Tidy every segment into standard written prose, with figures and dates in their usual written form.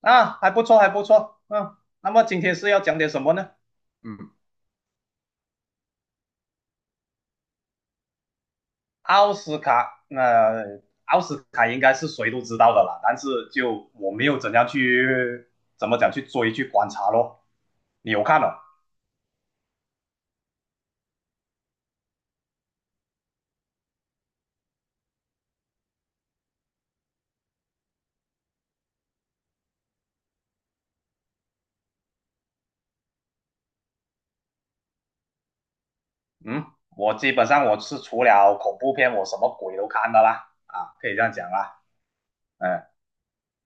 啊，还不错，还不错。嗯，那么今天是要讲点什么呢？嗯，奥斯卡，奥斯卡应该是谁都知道的啦，但是就我没有怎样去怎么讲去追去观察咯。你有看了？嗯，我基本上是除了恐怖片，我什么鬼都看的啦，啊，可以这样讲啦。嗯，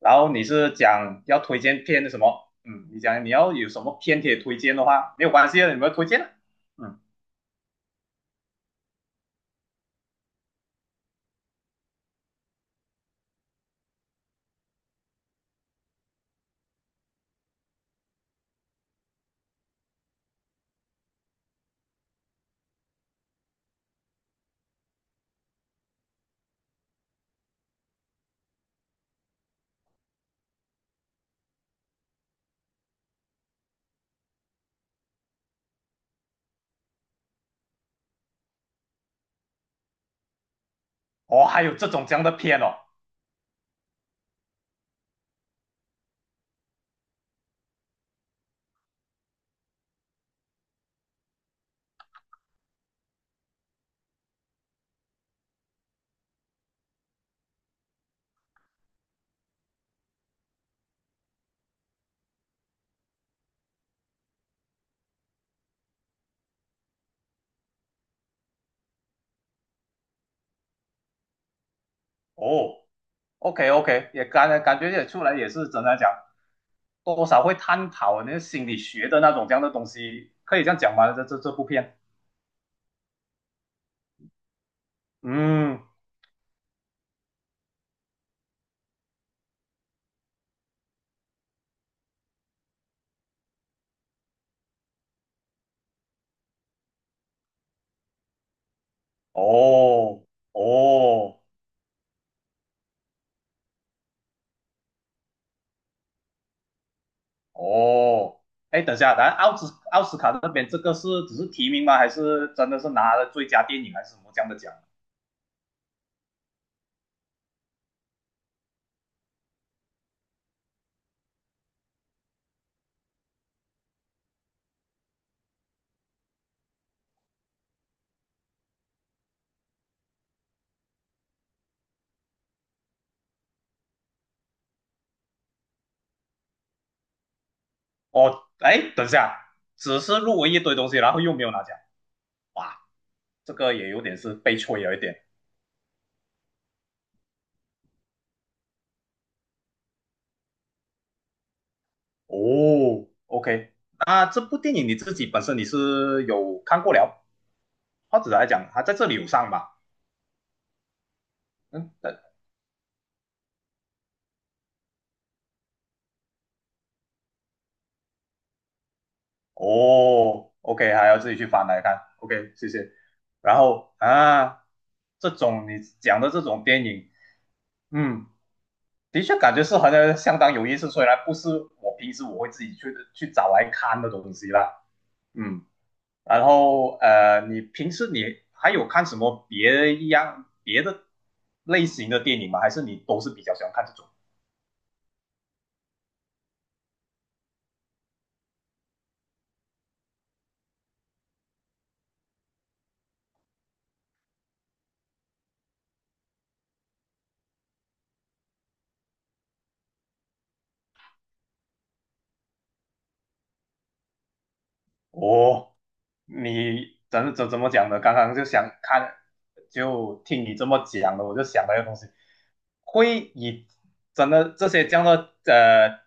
然后你是讲要推荐片什么？嗯，你讲你要有什么片可以推荐的话，没有关系的，你们推荐啊。嗯。哦，还有这种这样的片哦。哦，OK OK，也感觉也出来也是怎么讲，多少会探讨那个心理学的那种这样的东西，可以这样讲吗？这这部片，嗯。哦哦哦，哎，等一下，咱奥斯卡那边这个是只是提名吗？还是真的是拿了最佳电影还是什么这样的奖？哦，哎，等一下，只是入围一堆东西，然后又没有拿奖，哇，这个也有点是悲催，有一点。哦，OK，那这部电影你自己本身你是有看过了，或者来讲它在这里有上吧？嗯，呃哦，OK，还要自己去翻来看，OK，谢谢。然后啊，这种你讲的这种电影，嗯，的确感觉是好像相当有意思，虽然不是我平时会自己去去找来看的东西啦，嗯。然后你平时你还有看什么别一样别的类型的电影吗？还是你都是比较喜欢看这种？哦，你怎么讲呢？刚刚就想看，就听你这么讲的，我就想到一个东西，会以真的这些这样的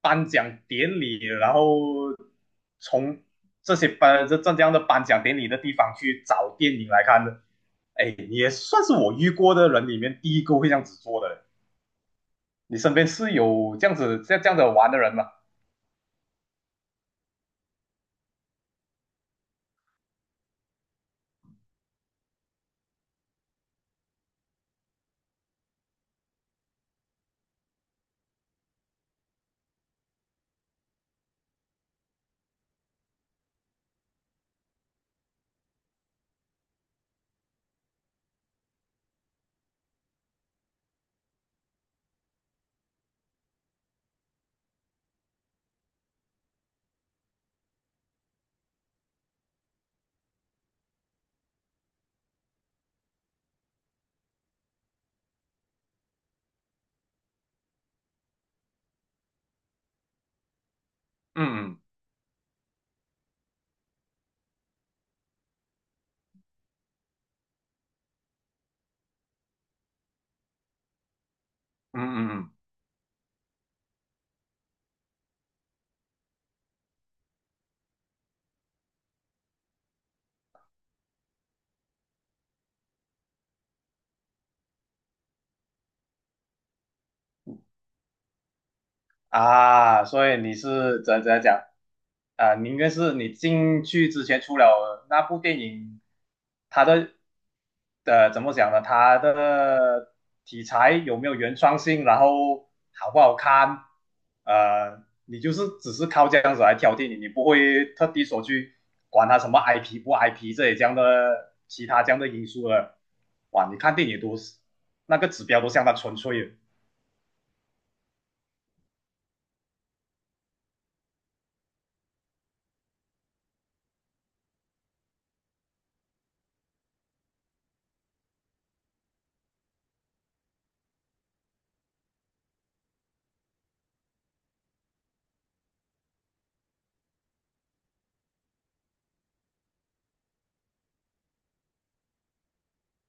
颁奖典礼，然后从这些这样的颁奖典礼的地方去找电影来看的。哎，你也算是我遇过的人里面第一个会这样子做的。你身边是有这样子玩的人吗？嗯嗯嗯嗯。啊，所以你是怎样讲啊？你应该是你进去之前出了那部电影，它的怎么讲呢？它的题材有没有原创性？然后好不好看？呃，你就是只是靠这样子来挑电影，你不会特地说去管它什么 IP 不 IP 这些这样的其他这样的因素了。哇，你看电影都是那个指标都相当纯粹了。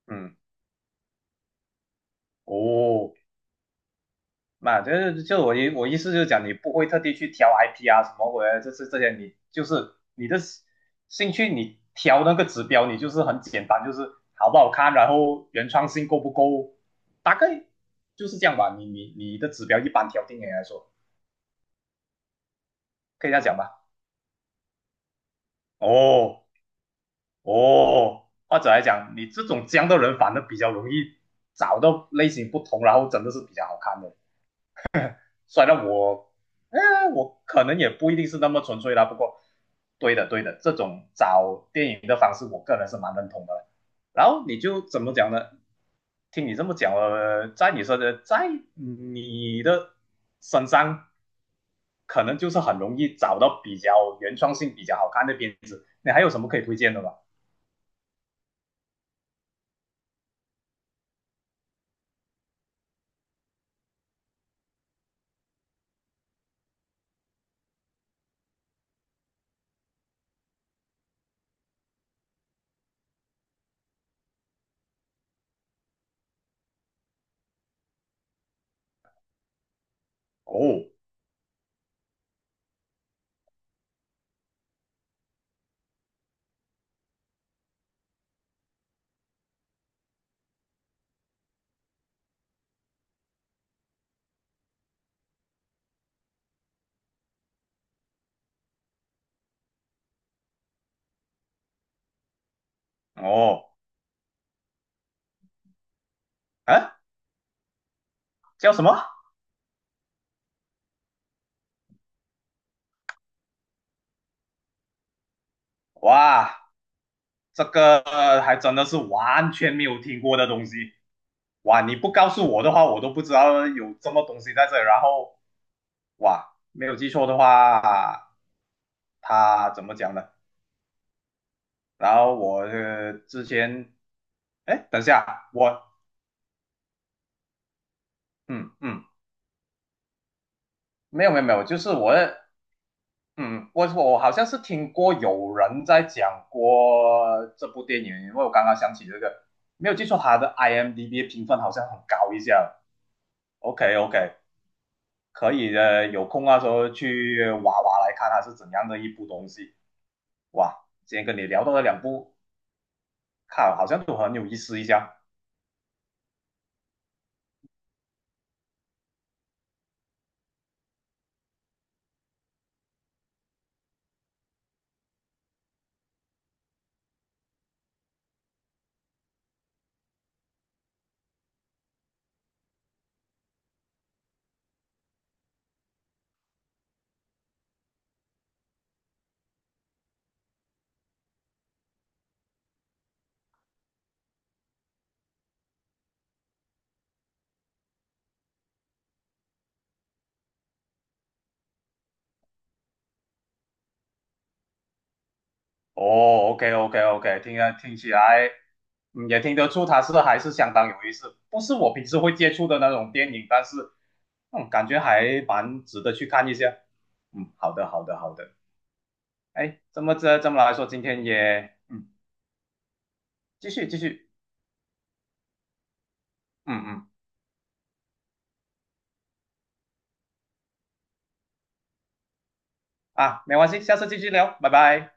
嗯。哦，嘛，就是就我意我意思就是讲，你不会特地去挑 IP 啊什么鬼的，就是这些你就是你的兴趣，你挑那个指标，你就是很简单，就是好不好看，然后原创性够不够，大概就是这样吧。你的指标一般挑定人来说，可以这样讲吧？哦哦，或者来讲，你这种这样的人反而比较容易找到类型不同，然后真的是比较好看的。虽然我，哎，我可能也不一定是那么纯粹啦，不过，对的，对的，这种找电影的方式，我个人是蛮认同的。然后你就怎么讲呢？听你这么讲了，在你说的，在你的身上，可能就是很容易找到比较原创性、比较好看的片子。你还有什么可以推荐的吗？哦哦，啊，叫什么？哇！这个还真的是完全没有听过的东西。哇，你不告诉我的话，我都不知道有这么东西在这里然后哇，没有记错的话，他怎么讲的？然后我之前，哎，等一下，我嗯嗯，没有没有没有，就是我嗯，我好像是听过有人在讲过这部电影，因为我刚刚想起这个，没有记错，他的 IMDB 评分好像很高一下。OK OK，可以有空那时候去挖挖来看它是怎样的一部东西。哇，今天跟你聊到了两部，看好像都很有意思一下。哦，OK OK OK，听啊听起来，也听得出它是还是相当有意思，不是我平时会接触的那种电影，但是感觉还蛮值得去看一下。嗯，好的好的好的。哎，这么来说，今天也嗯，继续继续，嗯嗯。啊，没关系，下次继续聊，拜拜。